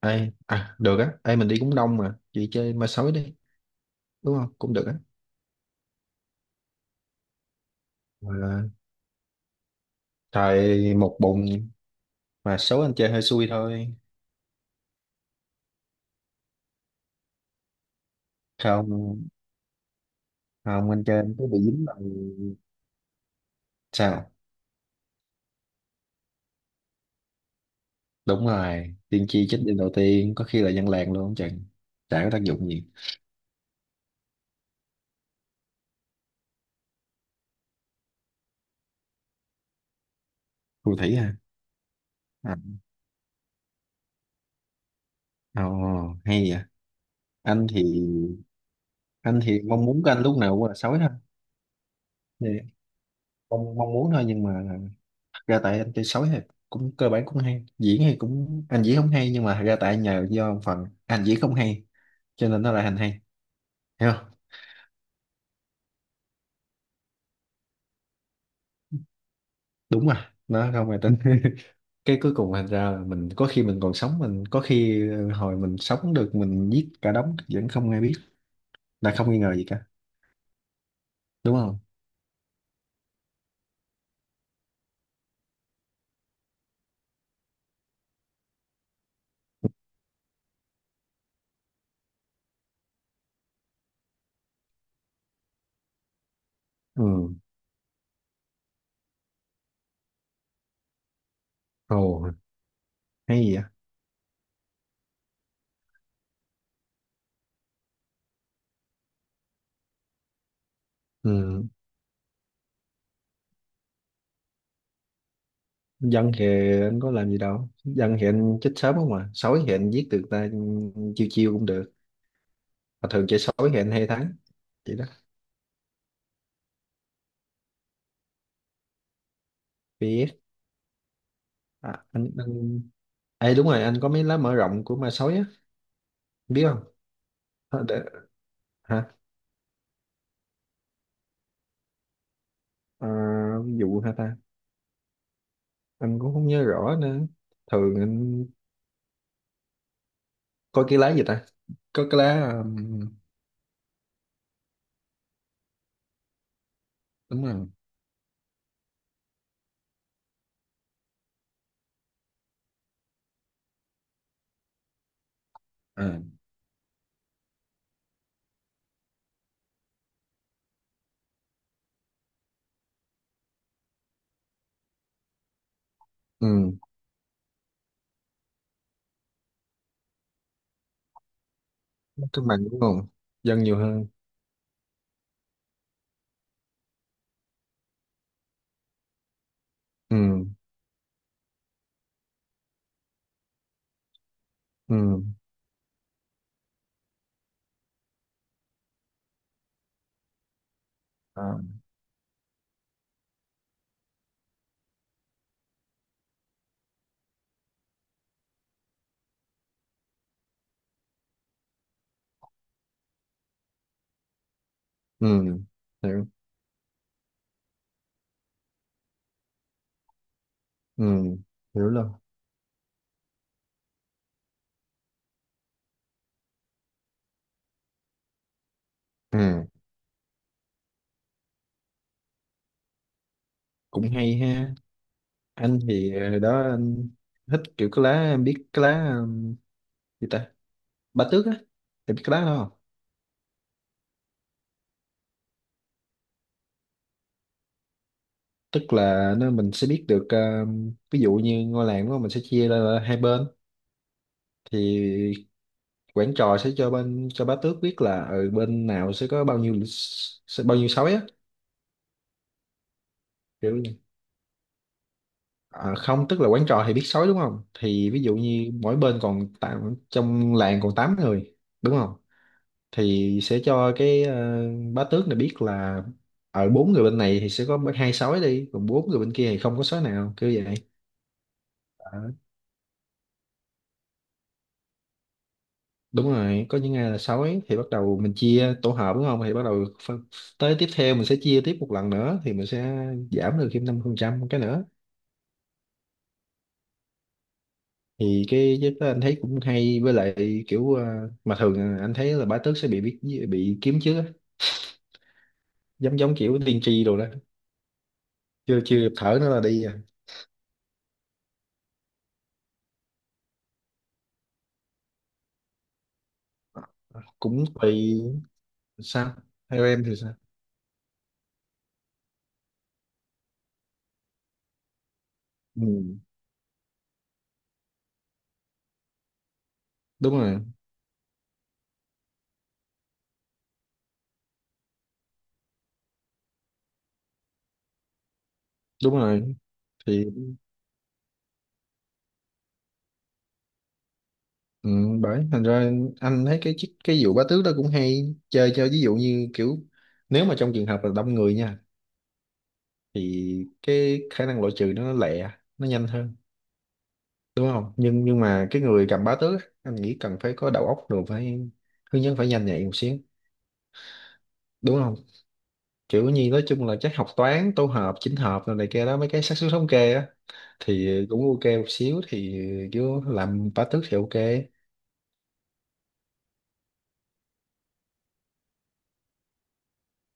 Ai à, được á, ai mình đi cũng đông mà, chị chơi ma sói đi, đúng không? Cũng được á. Mà trời một bụng mà số anh chơi hơi xui thôi. Không, không, anh chơi anh cứ bị dính vào sao? Đúng rồi, tiên tri chết đêm đầu tiên, có khi là dân làng luôn không chừng. Chả có tác dụng gì. Phù thủy hả? À. Ồ, hay vậy. Anh thì anh thì mong muốn của anh lúc nào cũng là sói thôi. Thì mong mong muốn thôi nhưng mà ra tại anh chơi sói thì cũng cơ bản cũng hay diễn, thì cũng anh diễn không hay, nhưng mà ra tại nhờ do một phần anh diễn không hay cho nên nó lại thành hay, hiểu không, đúng, mà nó không hề tính. Cái cuối cùng thành ra là mình có khi mình còn sống, mình có khi hồi mình sống được mình giết cả đống vẫn không ai biết, là không nghi ngờ gì cả, đúng không. Ừ. Ồ, hay gì vậy. Ừ, dân thì anh có làm gì đâu, dân thì anh chết sớm không, mà sói thì anh giết được ta, chiêu chiêu cũng được. Mà thường chơi sói thì anh hay thắng, vậy đó. Biết. À, anh, anh... Ê, đúng rồi, anh có mấy lá mở rộng của ma sói á, biết không? Hả? Để... Hả? À, ví dụ hả ta? Anh cũng không nhớ rõ nữa. Thường anh coi cái lá gì ta? Có cái lá... đúng rồi. À. Ừ, cân bằng đúng không? Dân nhiều hơn. Ừ, ừ, à. Ừ, hiểu, ừ, hiểu luôn. Ừ, cũng hay ha. Anh thì đó anh thích kiểu cái lá, em biết cái lá gì ta? Ba tước á, em biết cái lá đó không? Tức là nó mình sẽ biết được, ví dụ như ngôi làng đó mình sẽ chia ra là hai bên, thì quản trò sẽ cho bên, cho bá tước biết là ở bên nào sẽ có bao nhiêu, sẽ bao nhiêu sói á, kiểu như- à, không, tức là quản trò thì biết sói đúng không, thì ví dụ như mỗi bên còn tám, trong làng còn 8 người, đúng không, thì sẽ cho cái bá tước này biết là ở bốn người bên này thì sẽ có hai sói đi, còn bốn người bên kia thì không có sói nào, kiểu vậy. À, đúng rồi, có những ngày là sói thì bắt đầu mình chia tổ hợp đúng không, thì bắt đầu phân, tới tiếp theo mình sẽ chia tiếp một lần nữa thì mình sẽ giảm được thêm 5% cái nữa. Thì cái giấc đó anh thấy cũng hay, với lại kiểu mà thường anh thấy là bá tước sẽ bị biết, bị kiếm chứ, giống giống kiểu tiên tri đồ đó, chưa chưa kịp thở nữa là đi à. Cũng tùy. Sao, theo em thì sao? Ừ, đúng rồi, đúng rồi, thì ừ, bởi thành ra anh thấy cái cái vụ bá tước đó cũng hay, chơi cho ví dụ như kiểu nếu mà trong trường hợp là đông người nha, thì cái khả năng loại trừ nó lẹ, nó nhanh hơn, đúng không. Nhưng mà cái người cầm bá tước á, anh nghĩ cần phải có đầu óc rồi, phải hướng dẫn, phải nhanh nhạy một xíu, đúng không. Kiểu như nói chung là chắc học toán tổ hợp chỉnh hợp rồi này kia đó, mấy cái xác suất thống kê á, thì cũng ok một xíu thì kiểu làm bá tước thì ok.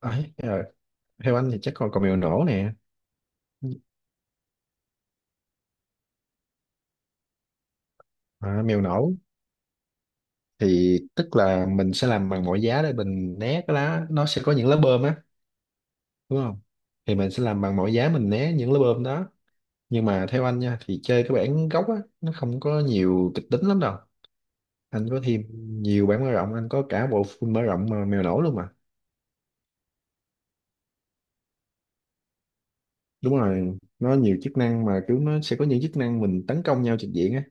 Ấy rồi, theo anh thì chắc còn còn mèo nổ nè. À, mèo nổ thì tức là mình sẽ làm bằng mọi giá để mình né cái lá, nó sẽ có những lá bơm á, đúng không, thì mình sẽ làm bằng mọi giá mình né những lá bơm đó. Nhưng mà theo anh nha, thì chơi cái bản gốc á, nó không có nhiều kịch tính lắm đâu. Anh có thêm nhiều bản mở rộng, anh có cả bộ full mở rộng mà mèo nổi luôn mà. Đúng rồi, nó nhiều chức năng, mà kiểu nó sẽ có những chức năng mình tấn công nhau trực diện á.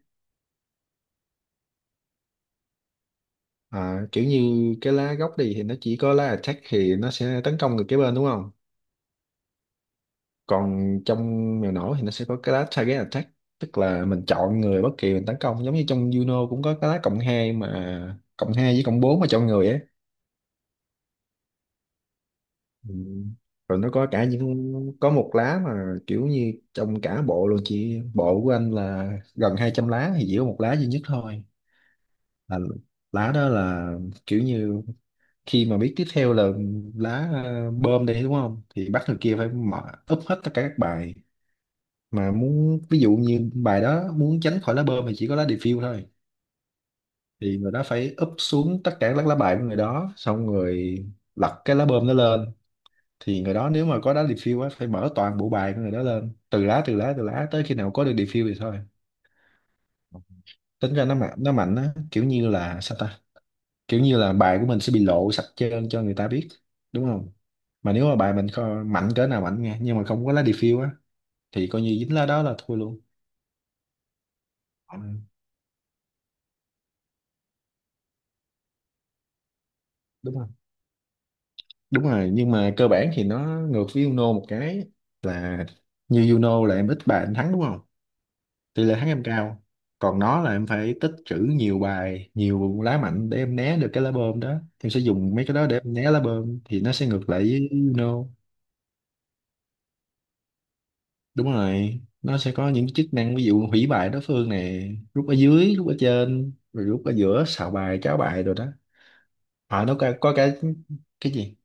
À, kiểu như cái lá gốc đi thì nó chỉ có lá attack, thì nó sẽ tấn công được cái bên đúng không, còn trong mèo nổi thì nó sẽ có cái lá target attack, tức là mình chọn người bất kỳ mình tấn công, giống như trong Juno cũng có cái lá cộng 2 mà, cộng 2 với cộng 4 mà chọn người ấy. Ừ. Rồi nó có cả những, có một lá mà kiểu như trong cả bộ luôn, chị bộ của anh là gần 200 lá thì chỉ có một lá duy nhất thôi, là lá đó là kiểu như khi mà biết tiếp theo là lá bơm đi, đúng không, thì bắt người kia phải mở, úp hết tất cả các bài, mà muốn ví dụ như bài đó muốn tránh khỏi lá bơm thì chỉ có lá refill thôi, thì người đó phải úp xuống tất cả các lá bài của người đó, xong người lật cái lá bơm nó lên, thì người đó nếu mà có đá refill á, phải mở toàn bộ bài của người đó lên từ lá tới khi nào có được refill thì thôi. Tính ra nó mạnh, nó mạnh á, kiểu như là sao ta, kiểu như là bài của mình sẽ bị lộ sạch trơn cho người ta biết, đúng không. Mà nếu mà bài mình mạnh cỡ nào mạnh nha, nhưng mà không có lá refill á, thì coi như dính lá đó là thua luôn. Ừ, đúng không, đúng rồi, nhưng mà cơ bản thì nó ngược với Uno một cái là, như Uno là em ít bài em thắng đúng không, tỷ lệ thắng em cao, còn nó là em phải tích trữ nhiều bài, nhiều lá mạnh để em né được cái lá bơm đó, em sẽ dùng mấy cái đó để em né lá bơm, thì nó sẽ ngược lại với Uno. Đúng rồi, nó sẽ có những chức năng ví dụ hủy bài đối phương này, rút ở dưới, rút ở trên, rồi rút ở giữa, xào bài, cháo bài, rồi đó. À, nó có, cái gì,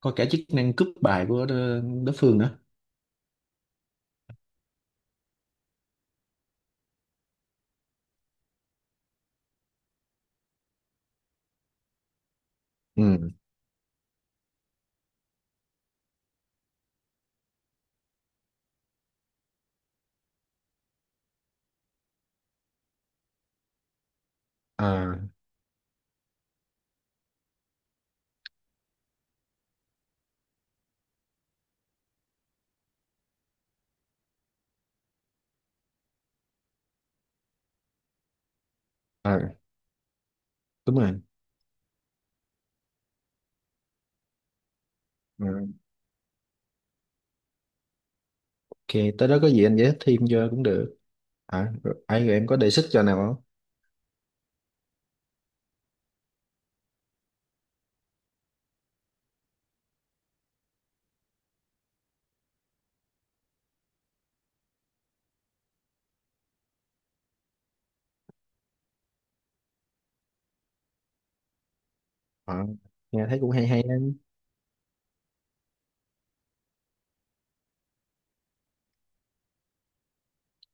có cả chức năng cướp bài của đối đối phương nữa. Ừ. À, ờ, đúng rồi. Ờ, ok, tới đó có gì anh giải thích thêm cho cũng được. À, rồi, ai, rồi em có đề xuất cho nào không? Ờ, nghe thấy cũng hay hay đấy.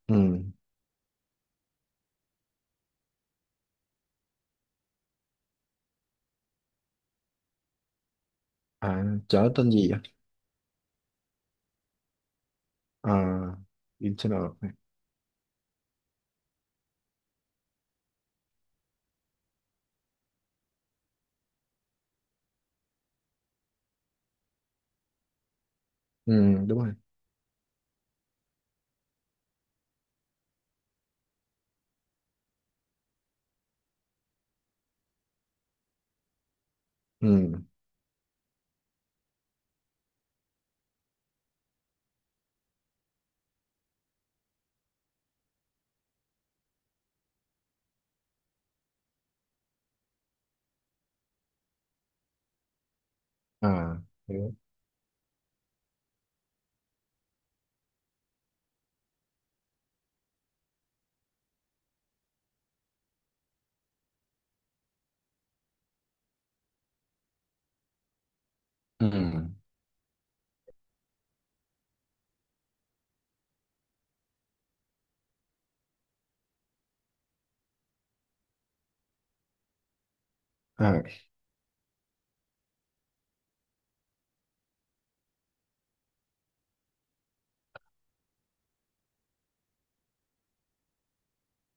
Ừ. À, chở tên gì vậy? À, internal. Ừ, đúng rồi. Ừ. À, hiểu. Ừ. À,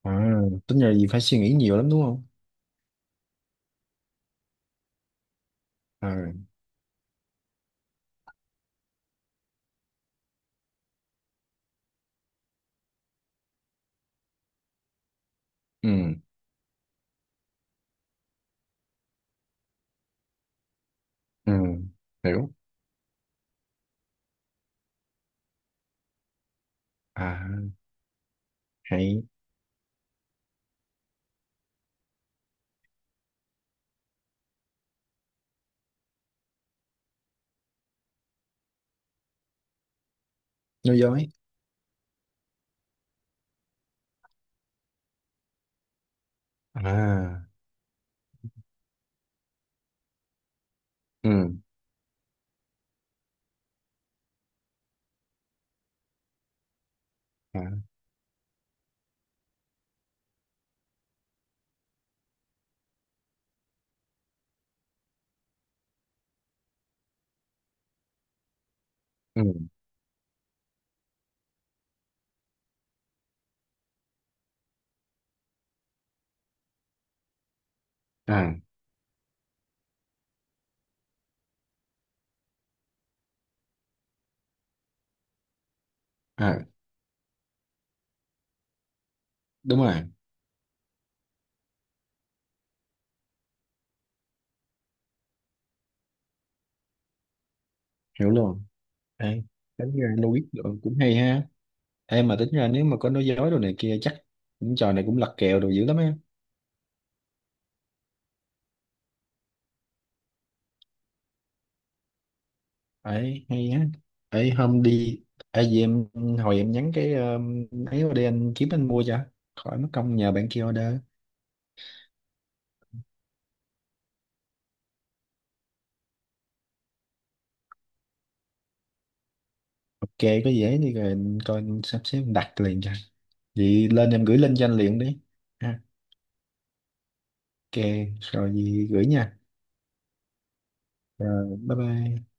à, tính ra gì phải suy nghĩ nhiều lắm đúng không. À, ừ, ừ, hiểu. À, hay. Nói dối? À, ừ, à, ừ, à, à, đúng rồi, hiểu luôn. Ê, tính ra Louis rồi cũng hay ha. Em mà tính ra, nếu mà có nói dối đồ này kia chắc những trò này cũng lật kèo đồ dữ lắm á. Ấy hay á. Ấy hôm đi, ấy gì em, hồi em nhắn cái ấy, qua đây anh kiếm anh mua cho, khỏi mất công nhờ bạn kia order. Ok, có dễ thì rồi anh coi anh sắp xếp anh đặt liền cho. Vậy lên em gửi link cho anh liền đi, ha. Ok, rồi gì gửi nha. Rồi, bye bye.